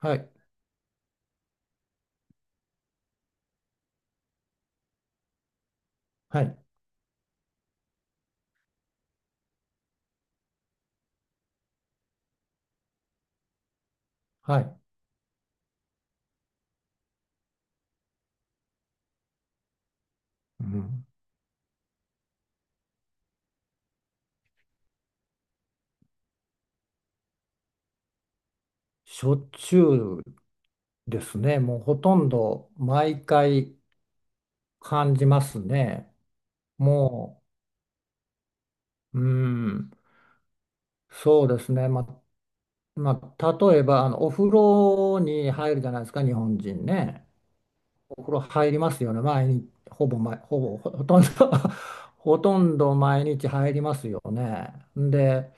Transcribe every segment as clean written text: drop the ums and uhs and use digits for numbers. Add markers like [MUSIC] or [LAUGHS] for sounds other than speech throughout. はい、はい、はい。うん、しょっちゅうですね。もうほとんど毎回感じますね。もう、うん、そうですね。まあ、例えばお風呂に入るじゃないですか、日本人ね。お風呂入りますよね。毎日、ほぼ毎、ほぼ、ほとんど [LAUGHS] ほとんど毎日入りますよね。で、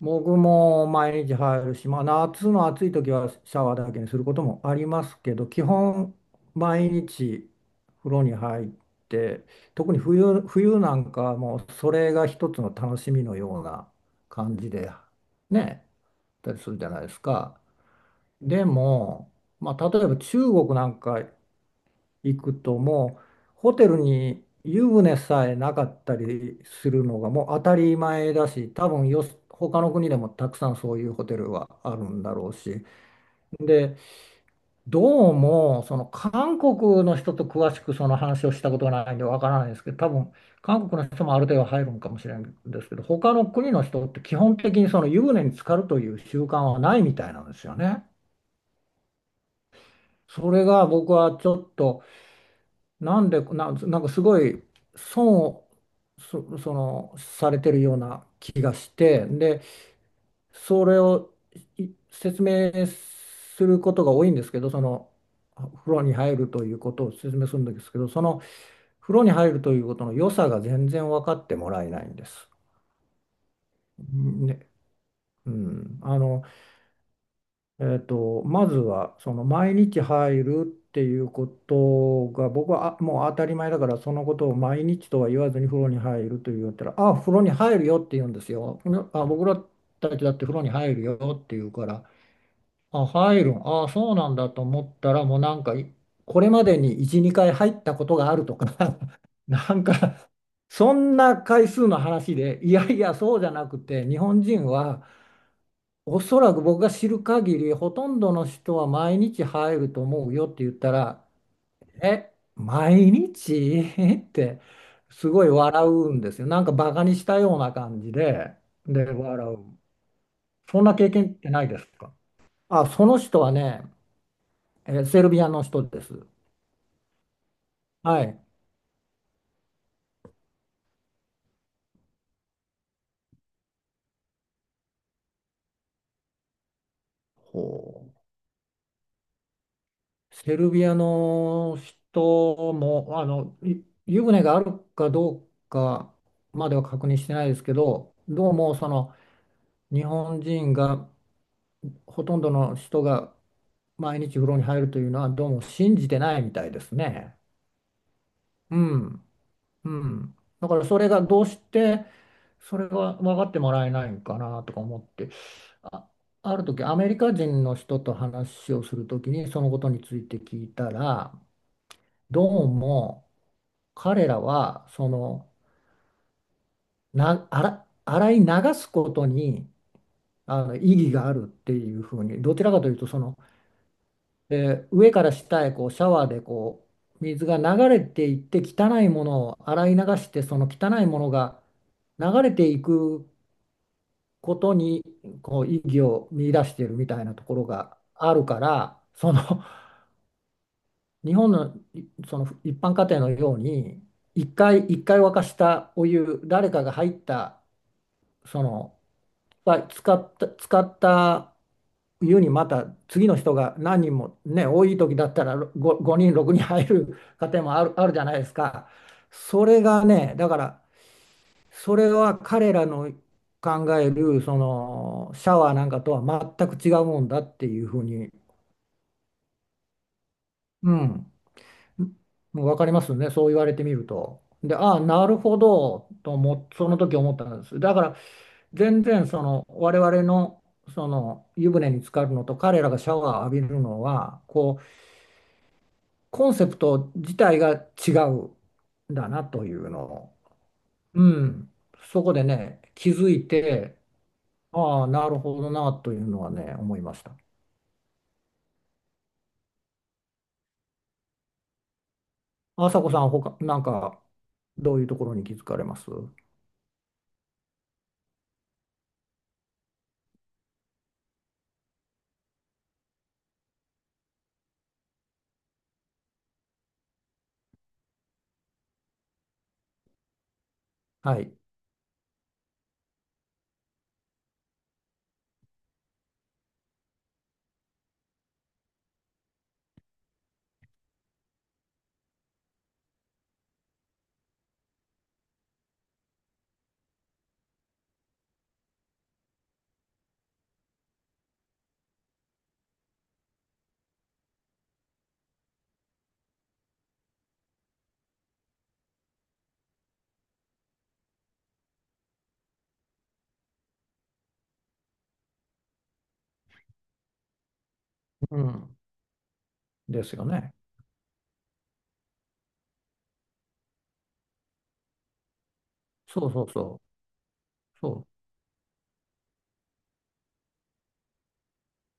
僕も毎日入るし、まあ、夏の暑い時はシャワーだけにすることもありますけど、基本毎日風呂に入って、特に冬なんかはもうそれが一つの楽しみのような感じでね、やったりするじゃないですか。でも、まあ、例えば中国なんか行くともうホテルに湯船さえなかったりするのがもう当たり前だし、多分他の国でもたくさんそういうホテルはあるんだろうし、でどうもその韓国の人と詳しくその話をしたことがないんでわからないですけど、多分韓国の人もある程度入るのかもしれないんですけど、他の国の人って基本的にその湯船に浸かるという習慣はないみたいなんですよね。それが僕はちょっと、なんかすごい損をそのされてるような気がして、でそれを説明することが多いんですけど、その風呂に入るということを説明するんですけど、その風呂に入るということの良さが全然分かってもらえないんです。ね、うん、あのまずはその毎日入るっていうことが僕はもう当たり前だから、そのことを毎日とは言わずに風呂に入ると言ったら、「あ、風呂に入るよ」って言うんですよ。ね、僕らたちだって風呂に入るよって言うから、「あ、入るんあそうなんだ」と思ったらもう、なんかいこれまでに1、2回入ったことがあるとか、 [LAUGHS] なんかそんな回数の話で、いやいやそうじゃなくて、日本人は、おそらく僕が知る限り、ほとんどの人は毎日入ると思うよって言ったら、え、毎日 [LAUGHS] ってすごい笑うんですよ。なんかバカにしたような感じで、で、笑う。そんな経験ってないですか？あ、その人はね、セルビアの人です。はい。ほう。セルビアの人も、あの、湯船があるかどうかまでは確認してないですけど、どうもその、日本人が、ほとんどの人が毎日風呂に入るというのは、どうも信じてないみたいですね。うん、うん。だからそれがどうしてそれが分かってもらえないのかなとか思って、あ、ある時アメリカ人の人と話をする時にそのことについて聞いたら、どうも彼らはその、洗い流すことにあの意義があるっていうふうに、どちらかというとその、で、上から下へこうシャワーでこう水が流れていって汚いものを洗い流して、その汚いものが流れていくことにこう意義を見出しているみたいなところがあるから、その [LAUGHS] 日本のその一般家庭のように、一回一回沸かしたお湯、誰かが入った、そのが使った、使った湯にまた次の人が何人もね、多い時だったら5、5人、6人入る家庭もある、[LAUGHS] あるじゃないですか。それがね、だからそれは彼らの考えるそのシャワーなんかとは全く違うもんだっていうふうに、うん、もう分かりますね、そう言われてみると。で、ああ、なるほどとその時思ったんです。だから全然その我々のその湯船に浸かるのと、彼らがシャワーを浴びるのはこうコンセプト自体が違うんだなというのを、うん、そこでね気づいて、ああなるほどなというのはね思いました。朝子さん、他なんかどういうところに気づかれますはい、うん、ですよね。そうそうそう。そ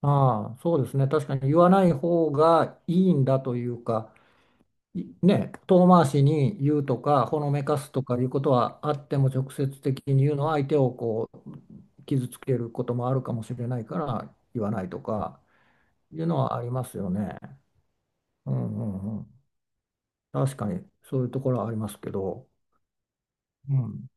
う。ああ、そうですね。確かに言わない方がいいんだというか、ね、遠回しに言うとか、ほのめかすとかいうことはあっても、直接的に言うのは相手をこう傷つけることもあるかもしれないから言わないとかいうのはありますよね。うんうんうん。確かにそういうところはありますけど。うん。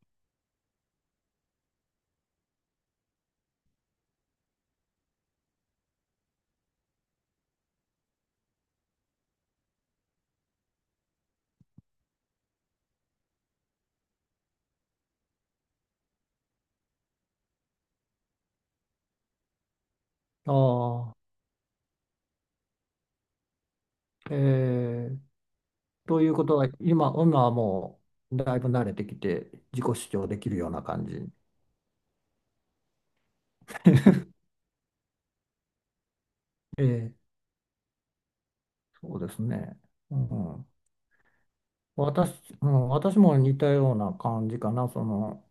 ああ、えー、ということは今、今はもうだいぶ慣れてきて自己主張できるような感じ。[LAUGHS] えー、そうですね。うん、私、うん、私も似たような感じかな。その、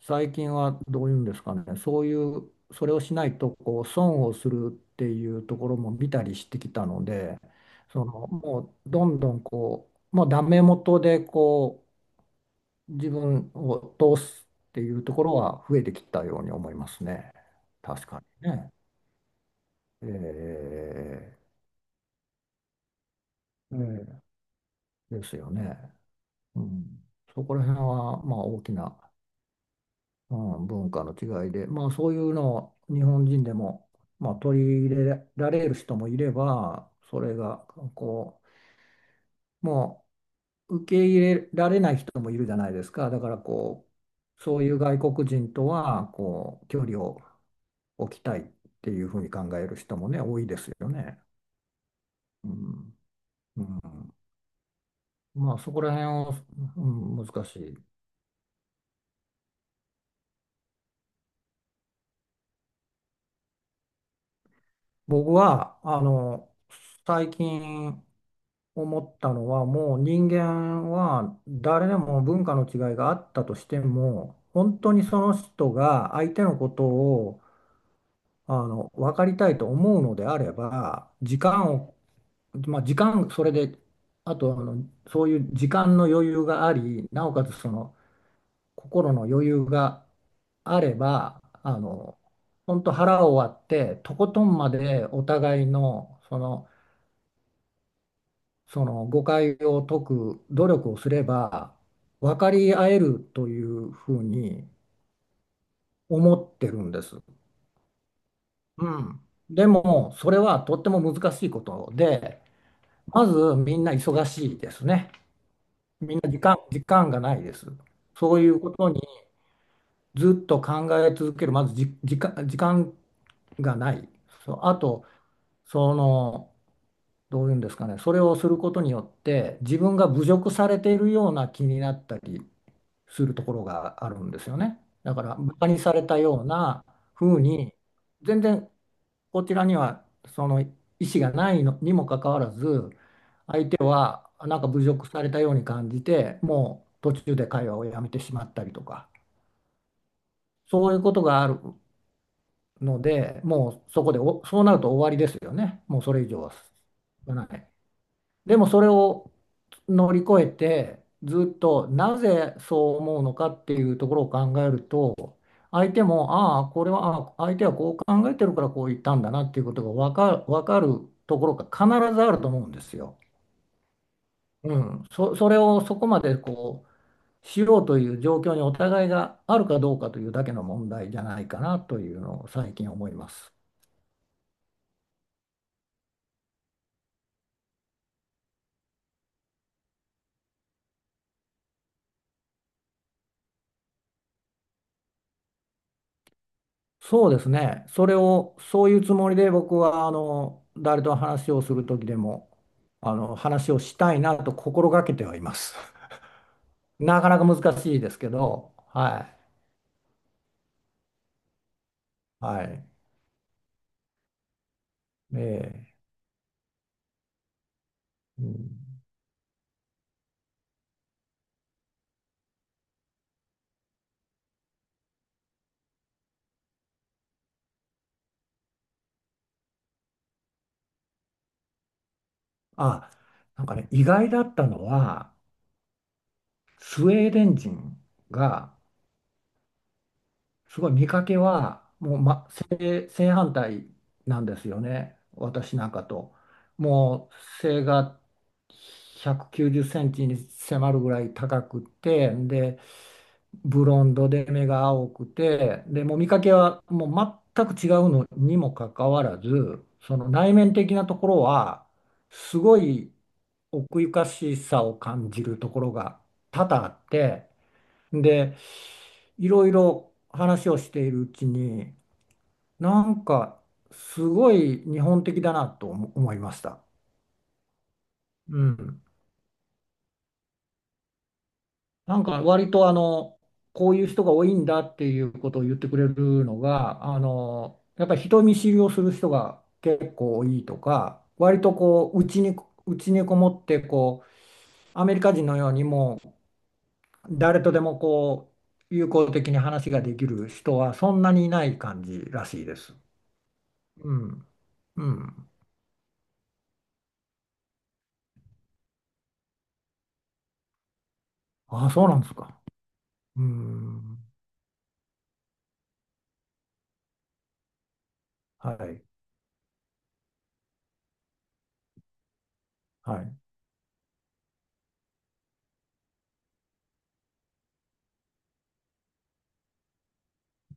最近はどういうんですかね。そういう、それをしないとこう損をするっていうところも見たりしてきたので、その、もうどんどんこう、もうダメ元でこう、自分を通すっていうところは増えてきたように思いますね。確かにね。ええええですよね。うん。そこら辺は、まあ大きな、うん、文化の違いで、まあ、そういうのを日本人でも、まあ、取り入れられる人もいれば、それがこう、もう受け入れられない人もいるじゃないですか。だからこう、そういう外国人とはこう距離を置きたいっていうふうに考える人もね、多いですよね。うん、うん、まあそこら辺を、うん、難しい。僕はあの最近思ったのは、もう人間は誰でも文化の違いがあったとしても、本当にその人が相手のことをあの分かりたいと思うのであれば、時間、それで、あとあの、そういう時間の余裕があり、なおかつその心の余裕があれば、あの、本当腹を割って、とことんまでお互いの、その、その誤解を解く努力をすれば分かり合えるというふうに思ってるんです。うん。でもそれはとっても難しいことで、まずみんな忙しいですね。みんな時間がないです。そういうことにずっと考え続ける、まずじ、時間がない。そう、あと、その、どういうんですかね、それをすることによって自分が侮辱されているような気になったりするところがあるんですよね。だからバカにされたような風に、全然こちらにはその意思がないのにもかかわらず、相手はなんか侮辱されたように感じて、もう途中で会話をやめてしまったりとか、そういうことがあるので、もうそこでそうなると終わりですよね。もうそれ以上はない。でもそれを乗り越えて、ずっとなぜそう思うのかっていうところを考えると、相手も、ああ、これは相手はこう考えてるからこう言ったんだなっていうことが分かるところが必ずあると思うんですよ。うん、それをそこまでこうしようという状況にお互いがあるかどうかというだけの問題じゃないかなというのを最近思います。そうですね。それを、そういうつもりで僕は、あの、誰と話をする時でも、あの、話をしたいなと心がけてはいます。[LAUGHS] なかなか難しいですけど、はい。はい。ええ、うん、あ、なんかね、意外だったのは、スウェーデン人が、すごい見かけはもう、正反対なんですよね、私なんかと。もう背が190センチに迫るぐらい高くて、でブロンドで目が青くて、でもう見かけはもう全く違うのにもかかわらず、その内面的なところはすごい奥ゆかしさを感じるところが多々あって、でいろいろ話をしているうちに、なんか、すごい日本的だなと思いました。うん。なんか、割とあの、こういう人が多いんだっていうことを言ってくれるのが、あの、やっぱり人見知りをする人が結構多いとか、割とこう、うちにこもって、こう、アメリカ人のようにもう、誰とでもこう、友好的に話ができる人はそんなにいない感じらしいです。うん。うん。ああ、そうなんですか。うん。はい。はい。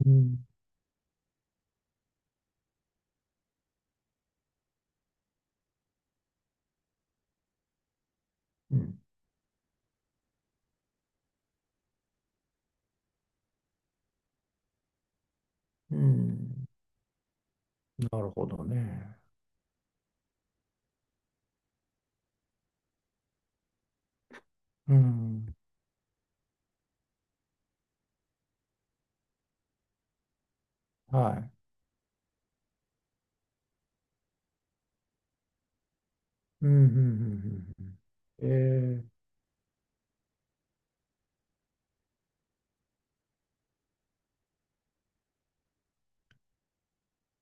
うん。うん。うん。なるほどね。うん。はい。うん。うん。うんうんうん、え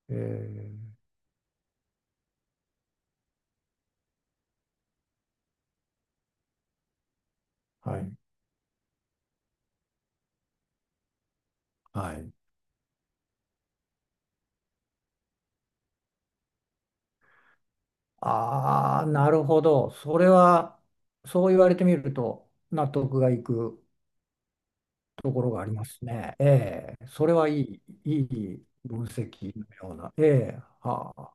ー、えー、はい。はい。ああ、なるほど。それは、そう言われてみると、納得がいくところがありますね。ええ、それはいい、いい分析のような。ええ、は